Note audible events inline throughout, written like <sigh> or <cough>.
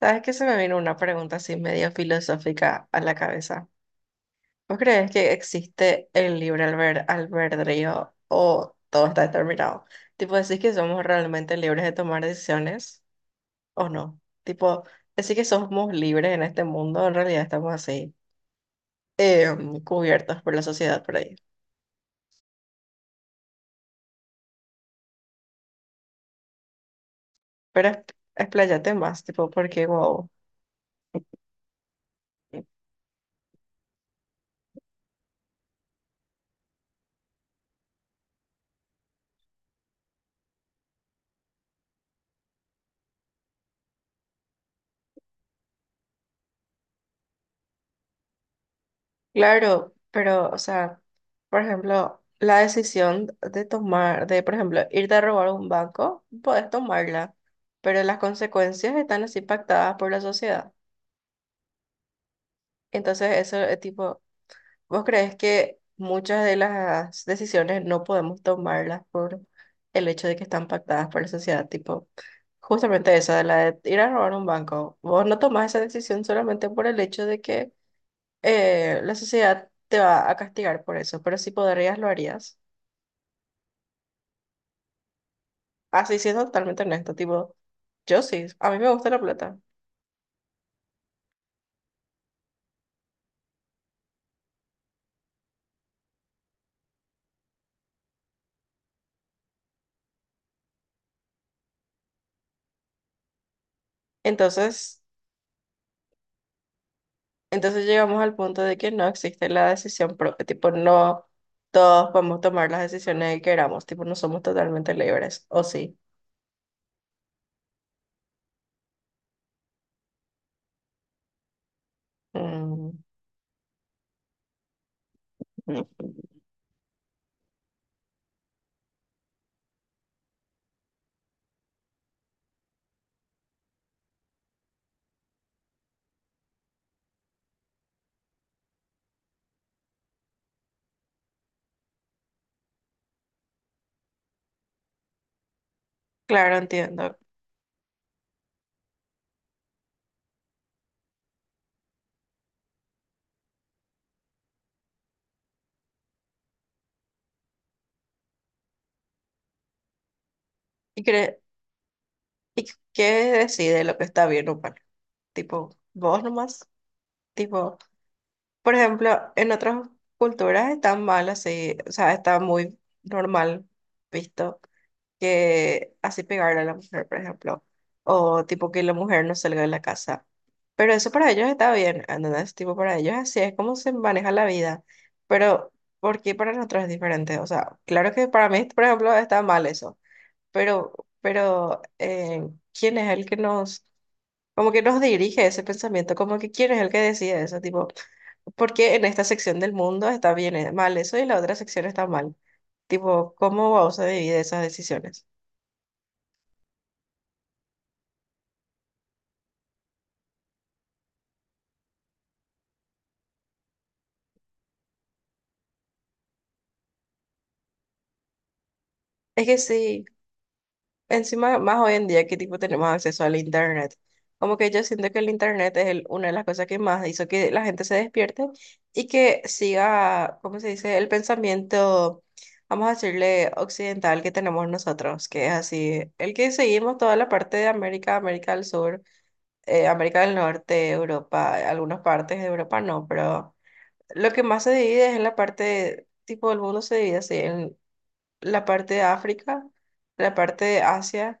¿Sabes que se me vino una pregunta así medio filosófica a la cabeza? ¿Vos crees que existe el albedrío o todo está determinado? Tipo, ¿decís que somos realmente libres de tomar decisiones o no? Tipo, ¿decís que somos libres en este mundo? En realidad estamos así, cubiertos por la sociedad por ahí. Pero es- Expláyate más, tipo, porque wow. Claro, pero, o sea, por ejemplo, la decisión de tomar, de, por ejemplo, irte a robar un banco, puedes tomarla, pero las consecuencias están así pactadas por la sociedad. Entonces, eso es tipo, ¿vos crees que muchas de las decisiones no podemos tomarlas por el hecho de que están pactadas por la sociedad? Tipo, justamente esa, de la de ir a robar un banco. Vos no tomás esa decisión solamente por el hecho de que la sociedad te va a castigar por eso, pero si podrías, lo harías. Así siendo totalmente honesto, tipo, yo sí, a mí me gusta la plata. Entonces, entonces, llegamos al punto de que no existe la decisión propia, tipo, no todos podemos tomar las decisiones que queramos, tipo, no somos totalmente libres, ¿o sí? Mm, mm, claro, entiendo. ¿Y, cre- y qué decide lo que está bien o mal? Tipo, vos nomás, tipo... Por ejemplo, en otras culturas está mal así, o sea, está muy normal visto que así pegarle a la mujer, por ejemplo, o tipo que la mujer no salga de la casa. Pero eso para ellos está bien, ¿entendés? Tipo, para ellos así es como se maneja la vida. Pero, ¿por qué para nosotros es diferente? O sea, claro que para mí, por ejemplo, está mal eso, pero, pero ¿quién es el que nos, como que nos dirige ese pensamiento? Como que ¿quién es el que decide eso? Tipo... Porque en esta sección del mundo está bien, mal eso y la otra sección está mal. Tipo, ¿cómo vamos a dividir esas decisiones? Es que sí, encima más hoy en día que tipo tenemos acceso al internet. Como que yo siento que el internet es una de las cosas que más hizo que la gente se despierte y que siga, ¿cómo se dice? El pensamiento, vamos a decirle, occidental que tenemos nosotros, que es así, el que seguimos toda la parte de América, América del Sur América del Norte, Europa, algunas partes de Europa no, pero lo que más se divide es en la parte, tipo el mundo se divide así, en la parte de África, la parte de Asia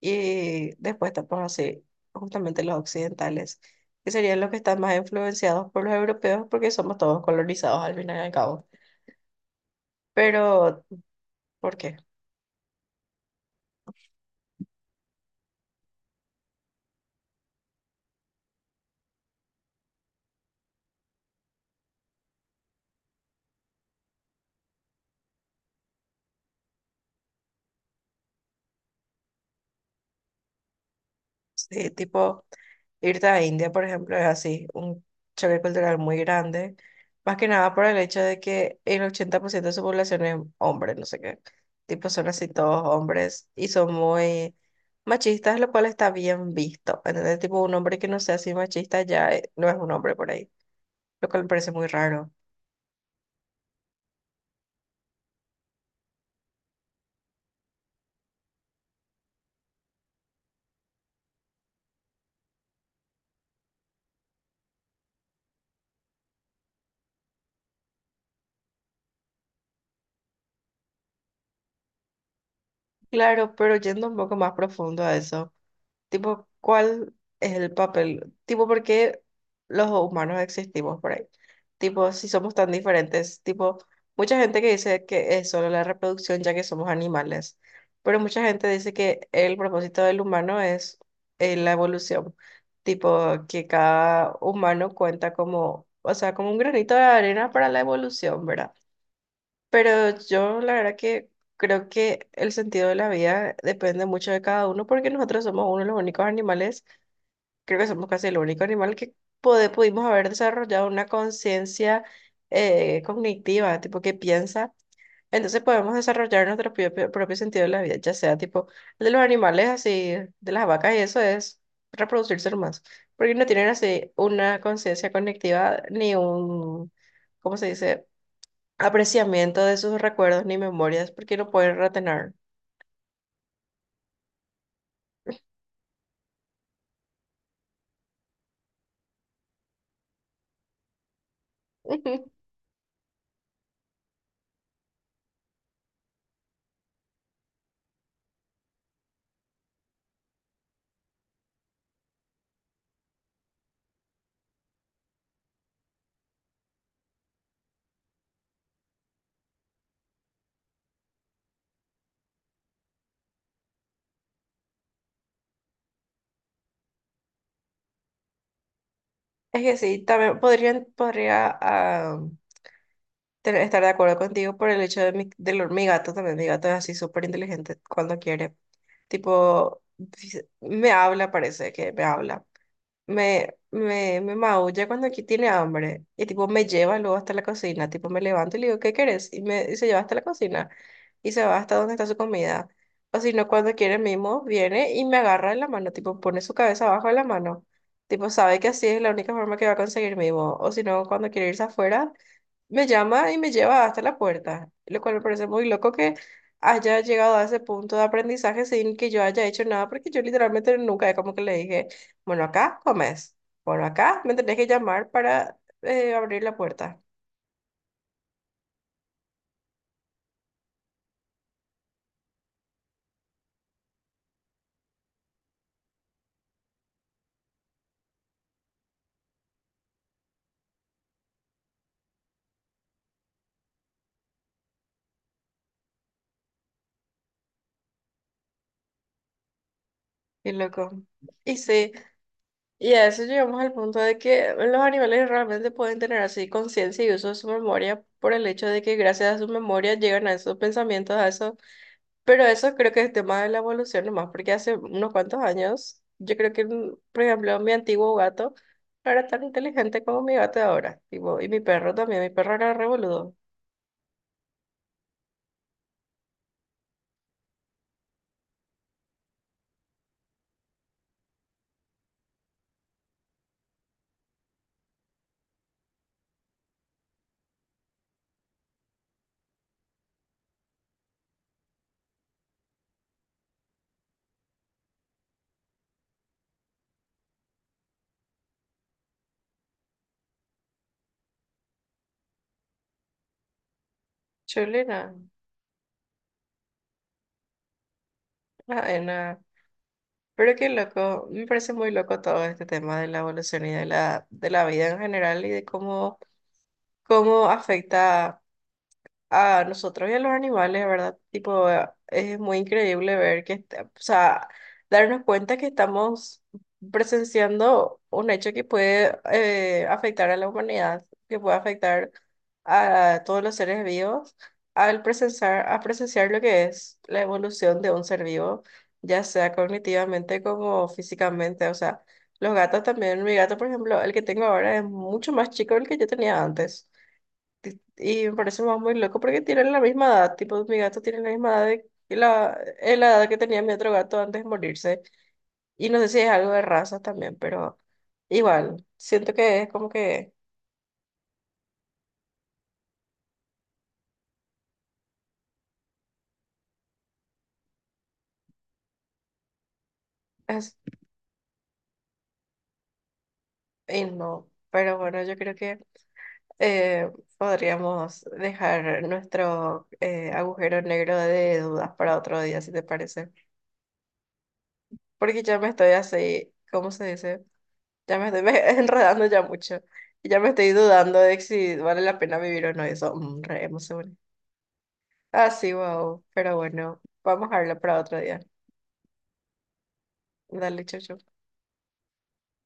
y después estamos así, justamente los occidentales, que serían los que están más influenciados por los europeos porque somos todos colonizados al final y al cabo. Pero, ¿por qué? Sí, tipo... Irte a India, por ejemplo, es así, un choque cultural muy grande, más que nada por el hecho de que el 80% de su población es hombre, no sé qué, tipo son así todos hombres y son muy machistas, lo cual está bien visto, ¿entendés? Tipo un hombre que no sea así machista ya no es un hombre por ahí, lo cual me parece muy raro. Claro, pero yendo un poco más profundo a eso. Tipo, ¿cuál es el papel? Tipo, ¿por qué los humanos existimos por ahí? Tipo, si somos tan diferentes. Tipo, mucha gente que dice que es solo la reproducción ya que somos animales. Pero mucha gente dice que el propósito del humano es la evolución. Tipo, que cada humano cuenta como, o sea, como un granito de arena para la evolución, ¿verdad? Pero yo la verdad que creo que el sentido de la vida depende mucho de cada uno porque nosotros somos uno de los únicos animales, creo que somos casi el único animal que pudimos haber desarrollado una conciencia cognitiva, tipo que piensa. Entonces podemos desarrollar nuestro propio sentido de la vida, ya sea tipo el de los animales así, de las vacas y eso es reproducirse más, porque no tienen así una conciencia cognitiva ni un, ¿cómo se dice? Apreciamiento de sus recuerdos ni memorias porque no pueden retener. <laughs> Es que sí, también podrían, podría ah, estar de acuerdo contigo por el hecho de mi, de mi gato también. Mi gato es así súper inteligente cuando quiere. Tipo, me habla, parece que me habla. Me, me maulla cuando aquí tiene hambre y tipo me lleva luego hasta la cocina, tipo me levanto y le digo, ¿qué querés? Y, me, y se lleva hasta la cocina y se va hasta donde está su comida. O si no, cuando quiere mismo, viene y me agarra de la mano, tipo pone su cabeza abajo de la mano. Tipo sabe que así es la única forma que va a conseguir mimo. O si no, cuando quiere irse afuera, me llama y me lleva hasta la puerta, lo cual me parece muy loco que haya llegado a ese punto de aprendizaje sin que yo haya hecho nada, porque yo literalmente nunca, es como que le dije, bueno, acá comes, bueno, acá me tenés que llamar para abrir la puerta. Y loco. Y sí, y a eso llegamos al punto de que los animales realmente pueden tener así conciencia y uso de su memoria por el hecho de que gracias a su memoria llegan a esos pensamientos, a esos. Pero eso creo que es tema de la evolución nomás, porque hace unos cuantos años, yo creo que, mm, por ejemplo, mi antiguo gato no era tan inteligente como mi gato de ahora, tipo, y mi perro también, mi perro era re boludo, chulina, nada. Pero qué loco, me parece muy loco todo este tema de la evolución y de la vida en general y de cómo, cómo afecta a nosotros y a los animales, ¿verdad? Tipo, es muy increíble ver que, o sea, darnos cuenta que estamos presenciando un hecho que puede afectar a la humanidad, que puede afectar a todos los seres vivos, a presenciar lo que es la evolución de un ser vivo, ya sea cognitivamente como físicamente, o sea, los gatos también, mi gato, por ejemplo, el que tengo ahora es mucho más chico del que yo tenía antes. Y me parece más muy loco porque tienen la misma edad, tipo mi gato tiene la misma edad de, que la, la edad que tenía mi otro gato antes de morirse. Y no sé si es algo de razas también, pero igual, siento que es como que es, y no, pero bueno, yo creo que eh, podríamos dejar nuestro agujero negro de dudas para otro día, si te parece. Porque ya me estoy así, ¿cómo se dice? Ya me estoy <laughs> enredando ya mucho. Y ya me estoy dudando de si vale la pena vivir o no. Eso, mm, re emocionante. Ah, sí, wow. Pero bueno, vamos a hablar para otro día. Dale, chau, chau.